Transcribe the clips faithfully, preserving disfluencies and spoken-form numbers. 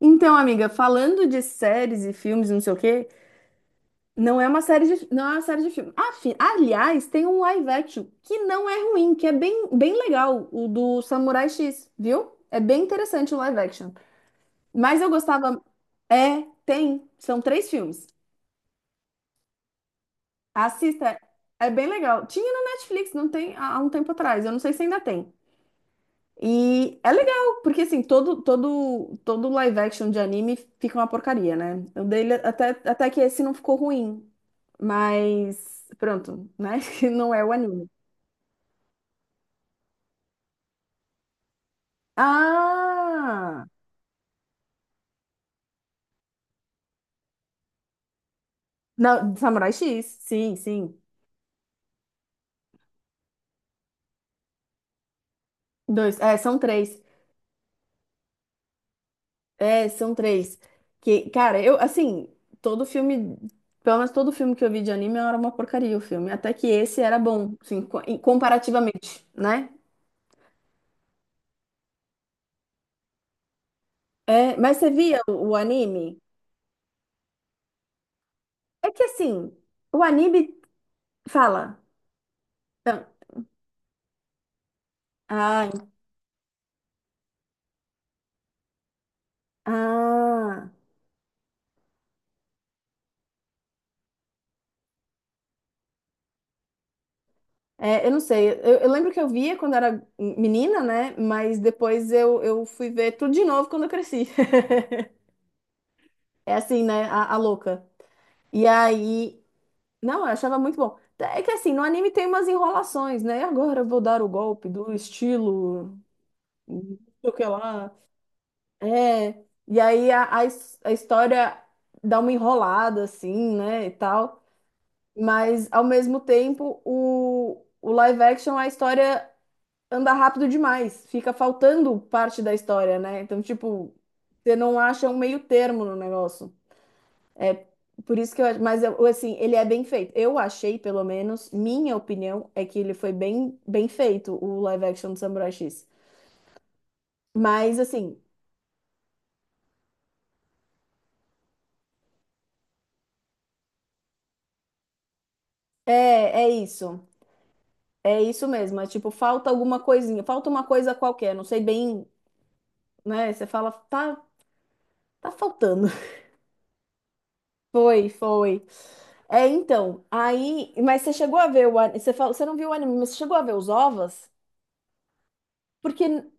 Então, amiga, falando de séries e filmes e não sei o quê, não é uma série de, não é uma série de filme. Afi- aliás, tem um live action que não é ruim, que é bem, bem legal, o do Samurai X, viu? É bem interessante o live action. Mas eu gostava. É, tem. São três filmes. Assista. É bem legal. Tinha no Netflix, não tem, há há um tempo atrás. Eu não sei se ainda tem. E é legal, porque assim, todo, todo, todo live action de anime fica uma porcaria, né? O dele, até, até que esse não ficou ruim, mas pronto, né? Que não é o anime. Ah! Não, Samurai X, sim, sim. Dois, é, são três. É, são três. Que, cara, eu, assim, todo filme, pelo menos todo filme que eu vi de anime era uma porcaria o filme, até que esse era bom, assim, co- comparativamente, né? É, mas você via o o anime? É que assim, o anime fala. Então, ah, ah, é, eu não sei. Eu, eu lembro que eu via quando era menina, né? Mas depois eu, eu fui ver tudo de novo quando eu cresci. É assim, né? A, a louca. E aí. Não, eu achava muito bom. É que assim, no anime tem umas enrolações, né? Agora eu vou dar o golpe do estilo. Não sei o que lá. É. E aí a, a, his- a história dá uma enrolada, assim, né? E tal. Mas, ao mesmo tempo, o, o live action, a história anda rápido demais. Fica faltando parte da história, né? Então, tipo, você não acha um meio termo no negócio. É por isso que eu acho. Mas, eu- assim, ele é bem feito. Eu achei, pelo menos, minha opinião é que ele foi bem, bem feito, o live action do Samurai X. Mas, assim, é, é isso. É isso mesmo. É tipo, falta alguma coisinha. Falta uma coisa qualquer. Não sei bem, né? Você fala, tá, tá faltando. Foi, foi. É, então, aí. Mas você chegou a ver o. an- Você falou, você não viu o anime, mas você chegou a ver os ovos? Porque.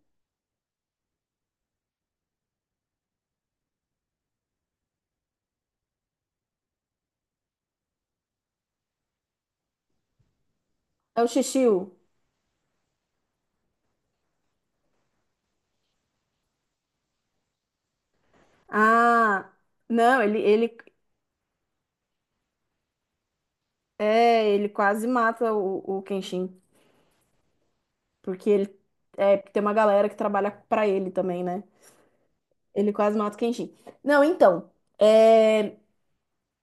É o Shishio. Ah, não, ele, ele. É, ele quase mata o, o Kenshin. Porque ele. É, porque tem uma galera que trabalha pra ele também, né? Ele quase mata o Kenshin. Não, então, é.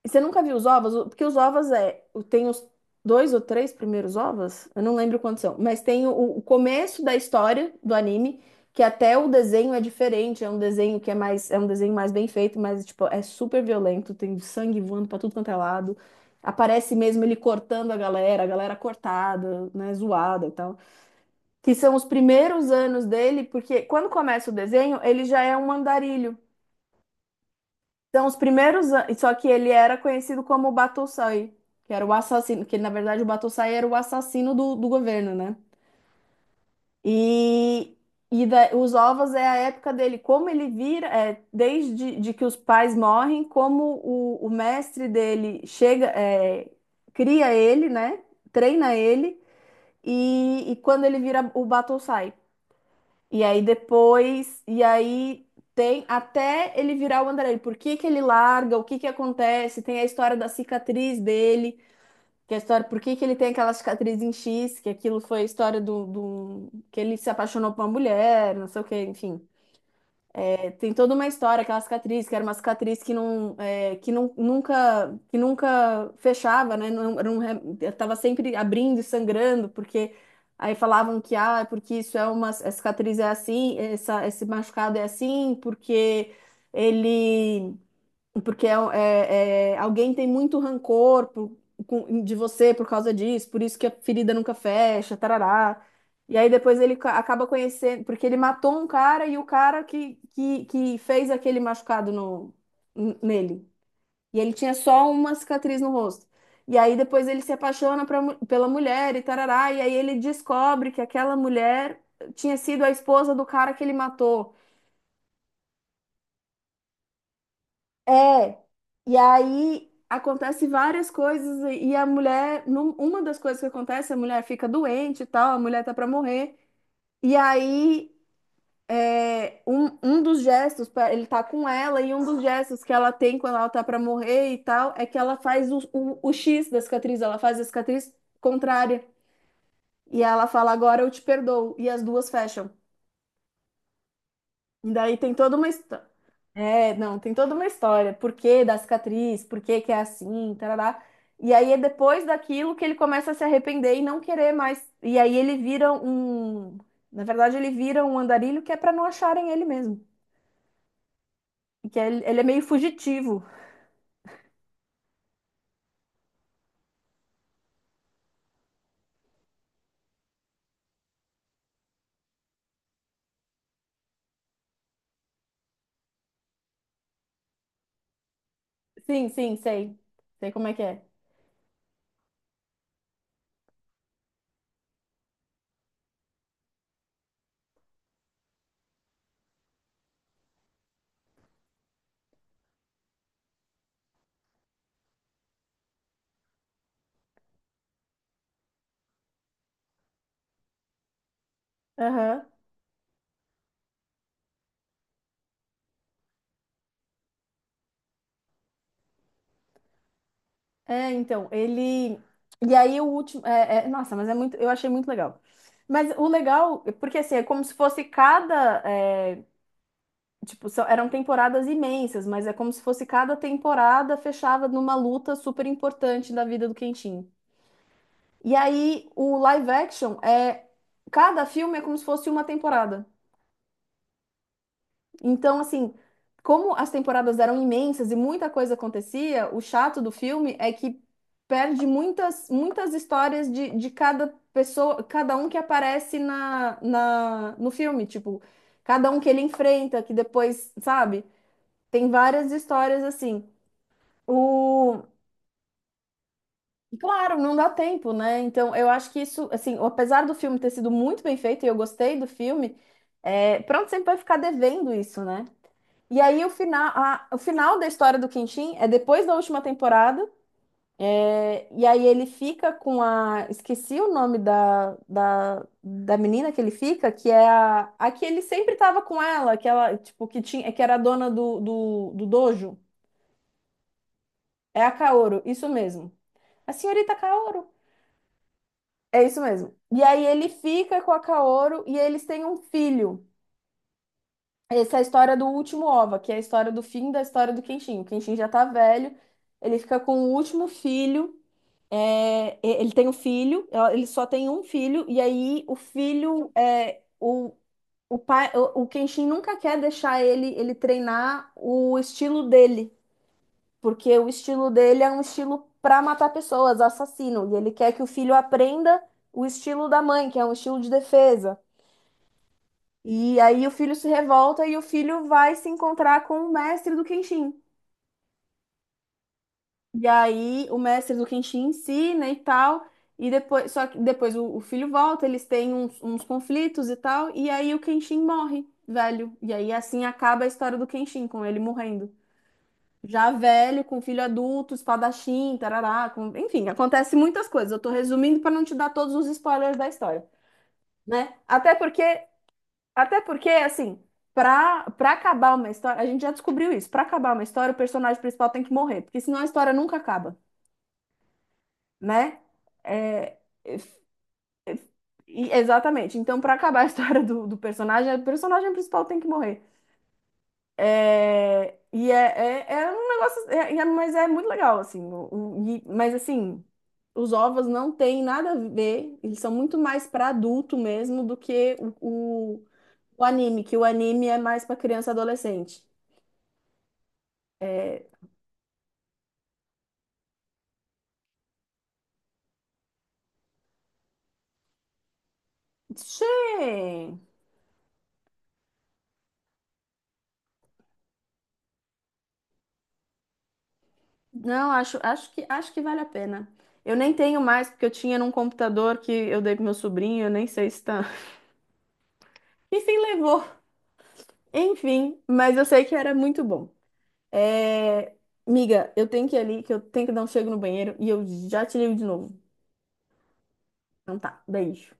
E você nunca viu os ovos? O- Porque os ovos é. O- Tem os dois ou três primeiros ovos? Eu não lembro quantos são. Mas tem o, o começo da história do anime, que até o desenho é diferente. É um desenho que é mais. É um desenho mais bem feito, mas, tipo, é super violento. Tem sangue voando pra tudo quanto é lado. Aparece mesmo ele cortando a galera, a galera cortada, né? Zoada e tal. Que são os primeiros anos dele, porque quando começa o desenho, ele já é um andarilho. São os primeiros anos. Só que ele era conhecido como o Batutai, que era o assassino. Que ele, na verdade, o Batutai era o assassino do, do governo, né? E, e da- os ovos é a época dele. Como ele vira, é, desde de que os pais morrem, como o, o mestre dele chega, é, cria ele, né? Treina ele. E, e quando ele vira o Batutai. E aí depois, e aí tem até ele virar o André. Por que que ele larga? O que que acontece? Tem a história da cicatriz dele, que é a história por que que ele tem aquela cicatriz em X, que aquilo foi a história do, do que ele se apaixonou por uma mulher, não sei o que, enfim. É, tem toda uma história, aquela cicatriz, que era uma cicatriz que não, é, que não, nunca, que nunca fechava, né? Não, era um re- tava sempre abrindo e sangrando, porque aí falavam que, ah, é porque isso é uma, a cicatriz é assim, essa, esse machucado é assim, porque ele porque é, é- é- alguém tem muito rancor por- com- de você por causa disso, por isso que a ferida nunca fecha, tarará. E aí depois ele ca- acaba conhecendo, porque ele matou um cara e o cara que, que, que fez aquele machucado no, n- nele. E ele tinha só uma cicatriz no rosto. E aí depois ele se apaixona pra mu- pela mulher e tarará. E aí ele descobre que aquela mulher tinha sido a esposa do cara que ele matou. É, e aí acontece várias coisas e a mulher, num- uma das coisas que acontece, a mulher fica doente e tal, a mulher tá pra morrer. E aí é, um, um dos gestos, pra- ele tá com ela e um dos gestos que ela tem quando ela tá pra morrer e tal, é que ela faz o, o, o X da cicatriz, ela faz a cicatriz contrária. E ela fala, agora eu te perdoo. E as duas fecham. E daí tem toda uma história. É, não, tem toda uma história. Por que da cicatriz? Por que que é assim? Tarará. E aí é depois daquilo que ele começa a se arrepender e não querer mais. E aí ele vira um. Na verdade, ele vira um andarilho que é pra não acharem ele mesmo. E que ele, ele é meio fugitivo. Sim, sim, sei. Sei como é que é. Aham. É, então, ele. E aí o último, é, é- nossa, mas é muito. Eu achei muito legal. Mas o legal, porque assim, é como se fosse cada, é, tipo, são- eram temporadas imensas, mas é como se fosse cada temporada fechava numa luta super importante da vida do Quentin. E aí, o live action é. Cada filme é como se fosse uma temporada. Então, assim, como as temporadas eram imensas e muita coisa acontecia, o chato do filme é que perde muitas, muitas histórias de, de cada pessoa, cada um que aparece na, na, no filme. Tipo, cada um que ele enfrenta, que depois, sabe? Tem várias histórias assim. O... e claro, não dá tempo, né? Então, eu acho que isso, assim, apesar do filme ter sido muito bem feito e eu gostei do filme, é... pronto, sempre vai ficar devendo isso, né? E aí, o final, a- o final da história do Quintin é depois da última temporada, é, e aí ele fica com a. Esqueci o nome da, da, da menina que ele fica, que é a, a que ele sempre tava com ela, que ela, tipo, que tinha, que era a dona do, do, do dojo. É a Kaoru, isso mesmo. A senhorita Kaoru. É isso mesmo. E aí ele fica com a Kaoru e eles têm um filho. Essa é a história do último O V A, que é a história do fim da história do Kenshin. O Kenshin já tá velho, ele fica com o último filho. É, e- ele tem um filho, ela- ele só tem um filho, e aí o filho é o, o pai, o, o Kenshin nunca quer deixar ele ele treinar o estilo dele. Porque o estilo dele é um estilo pra matar pessoas, assassino, e ele quer que o filho aprenda o estilo da mãe, que é um estilo de defesa. E aí o filho se revolta e o filho vai se encontrar com o mestre do Kenshin. E aí o mestre do Kenshin ensina e tal, e depois, só que depois o, o filho volta, eles têm uns, uns conflitos e tal, e aí o Kenshin morre, velho. E aí assim acaba a história do Kenshin, com ele morrendo. Já velho, com filho adulto, espadachim, tarará, com- enfim, acontece muitas coisas. Eu tô resumindo para não te dar todos os spoilers da história, né? Até porque, até porque, assim, pra, pra acabar uma história, a gente já descobriu isso. Pra acabar uma história, o personagem principal tem que morrer, porque senão a história nunca acaba, né? É, é, é, e- exatamente. Então, pra acabar a história do, do personagem, o personagem principal tem que morrer. É, e é, é, é um negócio, é- é- mas é muito legal, assim. O- o- e- mas assim, os ovos não têm nada a ver, eles são muito mais para adulto mesmo do que o, o, o anime, que o anime é mais para criança e adolescente. Sim. Não, acho, acho que, acho que vale a pena. Eu nem tenho mais, porque eu tinha num computador que eu dei pro meu sobrinho, eu nem sei se tá. Enfim, levou. Enfim, mas eu sei que era muito bom. É... Miga, eu tenho que ir ali, que eu tenho que dar um chego no banheiro e eu já te ligo de novo. Então tá, beijo.